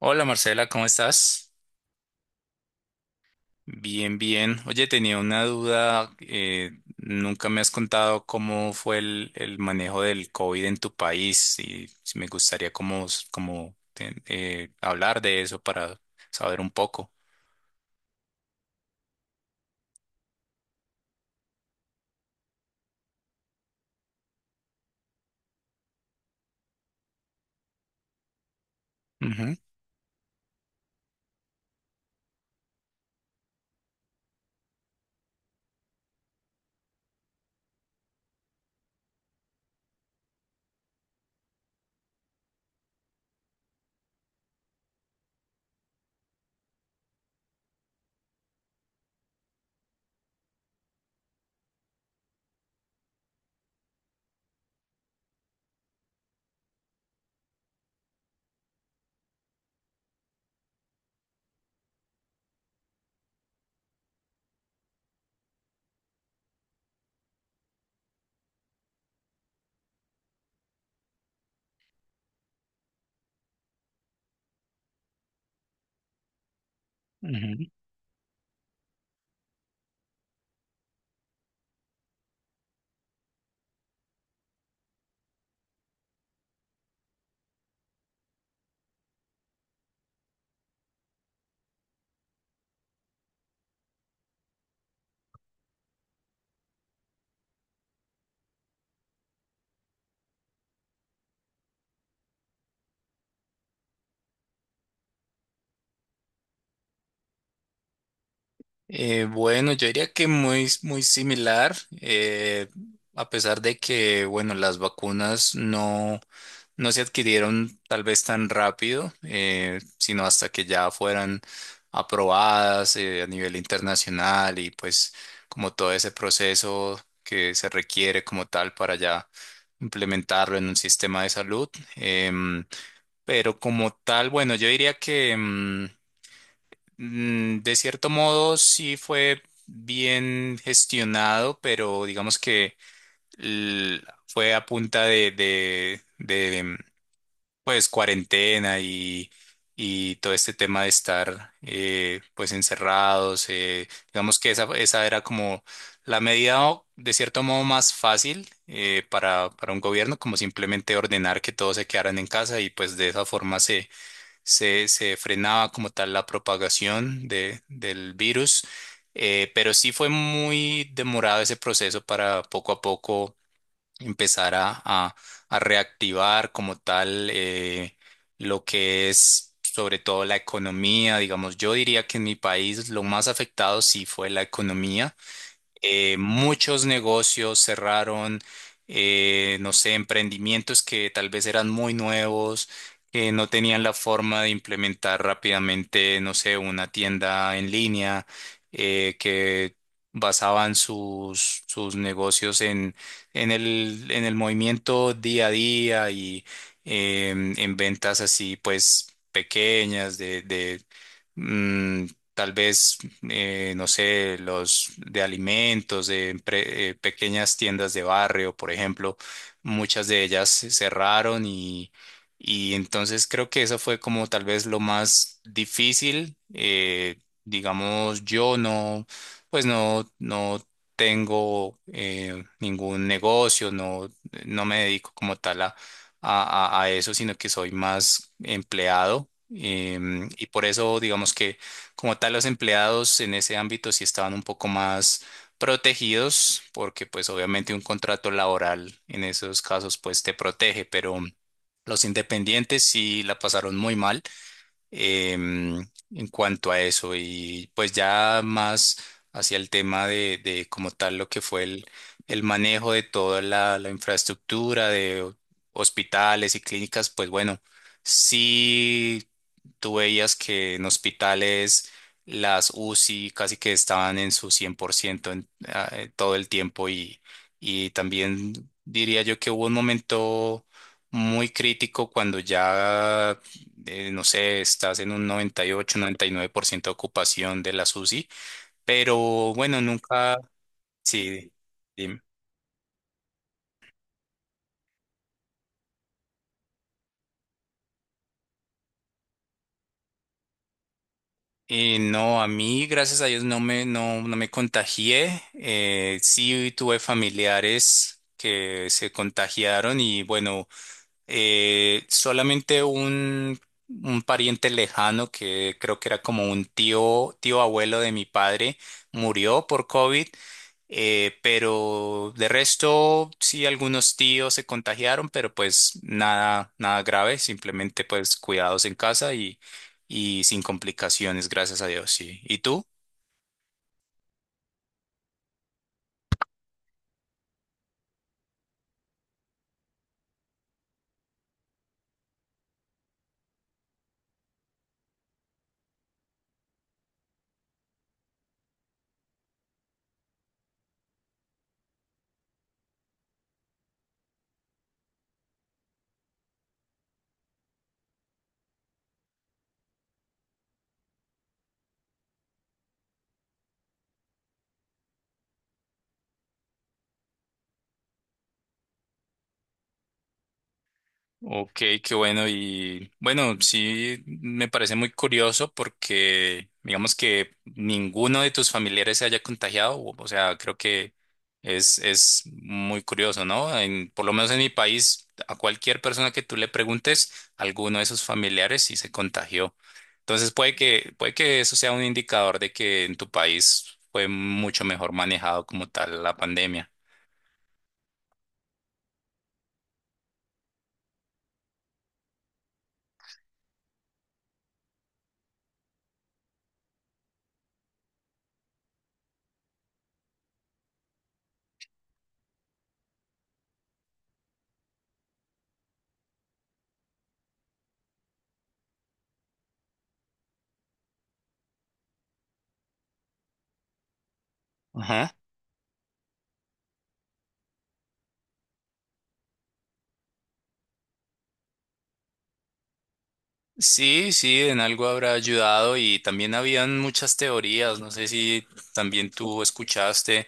Hola Marcela, ¿cómo estás? Bien, bien. Oye, tenía una duda. Nunca me has contado cómo fue el manejo del COVID en tu país y si me gustaría como, hablar de eso para saber un poco. Ujú, ujú. Bueno, yo diría que muy, muy similar, eh, a pesar de que, bueno, las vacunas no se adquirieron tal vez tan rápido, sino hasta que ya fueran aprobadas, a nivel internacional y pues como todo ese proceso que se requiere como tal para ya implementarlo en un sistema de salud. Em, pero como tal, bueno, yo diría que de cierto modo, sí fue bien gestionado, pero digamos que l- fue a punta pues, cuarentena y todo este tema de estar, pues, encerrados. Digamos que esa era como la medida, o, de cierto modo, más fácil, para un gobierno, como simplemente ordenar que todos se quedaran en casa y, pues, de esa forma se frenaba como tal la propagación del virus, pero sí fue muy demorado ese proceso para poco a poco empezar a reactivar como tal, lo que es sobre todo la economía. Digamos, yo diría que en mi país lo más afectado sí fue la economía. Muchos negocios cerraron, no sé, emprendimientos que tal vez eran muy nuevos, que no tenían la forma de implementar rápidamente, no sé, una tienda en línea, que basaban sus negocios en el movimiento día a día y en ventas así, pues, pequeñas mm, tal vez no sé, los de alimentos, pequeñas tiendas de barrio, por ejemplo, muchas de ellas se cerraron y entonces creo que eso fue como tal vez lo más difícil. Digamos, yo no, pues no tengo ningún negocio. No, no me dedico como tal a eso, sino que soy más empleado. Y por eso digamos que como tal, los empleados en ese ámbito sí estaban un poco más protegidos porque pues obviamente un contrato laboral en esos casos pues te protege, pero los independientes sí la pasaron muy mal em, en cuanto a eso. Y pues ya más hacia el tema de como tal lo que fue el manejo de toda la infraestructura de hospitales y clínicas, pues bueno, sí tú veías que en hospitales las UCI casi que estaban en su 100% todo el tiempo, y también diría yo que hubo un momento muy crítico cuando ya, no sé, estás en un 98, 99% de ocupación de la SUSI, pero bueno, nunca. Sí, dime. Y no, a mí, gracias a Dios, no me contagié. Sí tuve familiares que se contagiaron y bueno, solamente un pariente lejano que creo que era como un tío, tío abuelo de mi padre, murió por COVID. Pero de resto, sí, algunos tíos se contagiaron, pero pues nada, nada grave, simplemente pues cuidados en casa y sin complicaciones, gracias a Dios, sí. ¿Y tú? Ok, qué bueno. Y bueno, sí me parece muy curioso porque digamos que ninguno de tus familiares se haya contagiado. O sea, creo que es muy curioso, ¿no? Por lo menos en mi país, a cualquier persona que tú le preguntes, alguno de sus familiares sí se contagió. Entonces puede que eso sea un indicador de que en tu país fue mucho mejor manejado como tal la pandemia. Sí, sí, en algo habrá ayudado, y también habían muchas teorías. No sé si también tú escuchaste,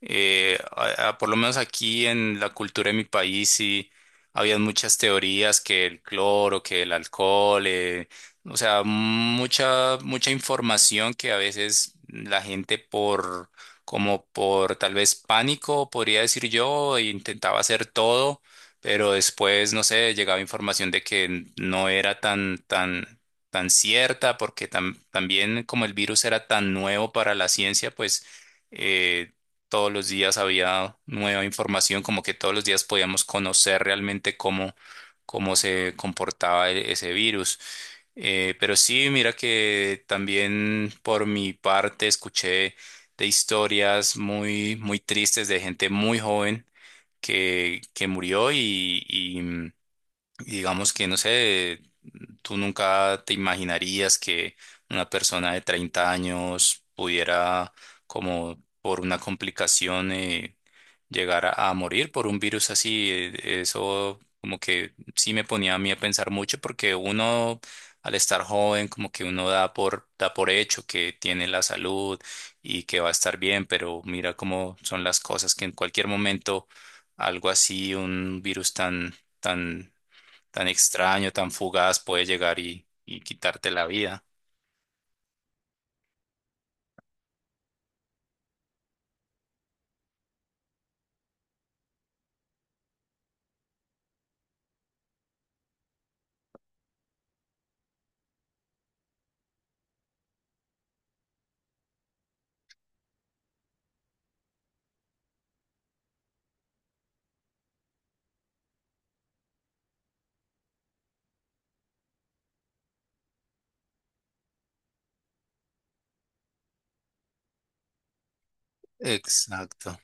por lo menos aquí en la cultura de mi país sí habían muchas teorías que el cloro, que el alcohol, o sea, mucha, mucha información que a veces la gente por, como por tal vez pánico, podría decir yo, intentaba hacer todo. Pero después, no sé, llegaba información de que no era tan, tan, tan cierta, porque también como el virus era tan nuevo para la ciencia, pues, eh, todos los días había nueva información, como que todos los días podíamos conocer realmente cómo se comportaba ese virus. Pero sí, mira que también por mi parte escuché de historias muy, muy tristes de gente muy joven que murió digamos que, no sé, ¿tú nunca te imaginarías que una persona de 30 años pudiera, como por una complicación, llegar a morir por un virus así? Eso como que sí me ponía a mí a pensar mucho porque uno, al estar joven, como que uno da por hecho que tiene la salud y que va a estar bien, pero mira cómo son las cosas que en cualquier momento algo así, un virus tan extraño, tan fugaz puede llegar y quitarte la vida. Exacto.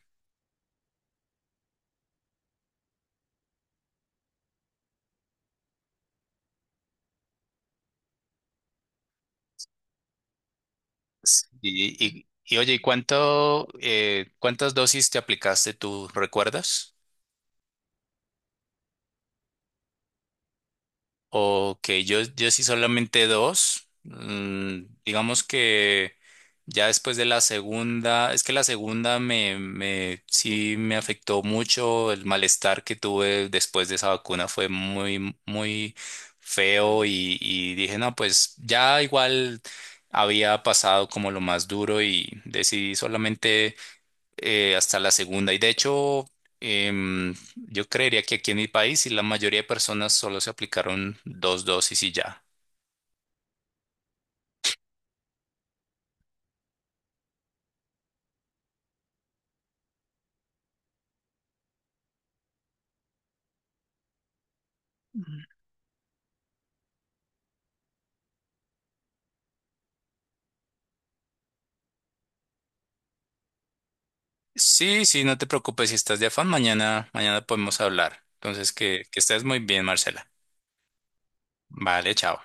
Sí. Y oye, ¿y cuánto, cuántas dosis te aplicaste tú, recuerdas? Ok, yo sí solamente dos. Digamos que ya después de la segunda, es que la segunda sí me afectó mucho. El malestar que tuve después de esa vacuna fue muy, muy feo y dije, no, pues ya igual había pasado como lo más duro y decidí solamente, hasta la segunda. Y de hecho, yo creería que aquí en mi país y la mayoría de personas solo se aplicaron dos dosis y ya. Sí, sí, no te preocupes si estás de afán. Mañana, mañana podemos hablar. Entonces, que estés muy bien, Marcela. Vale, chao.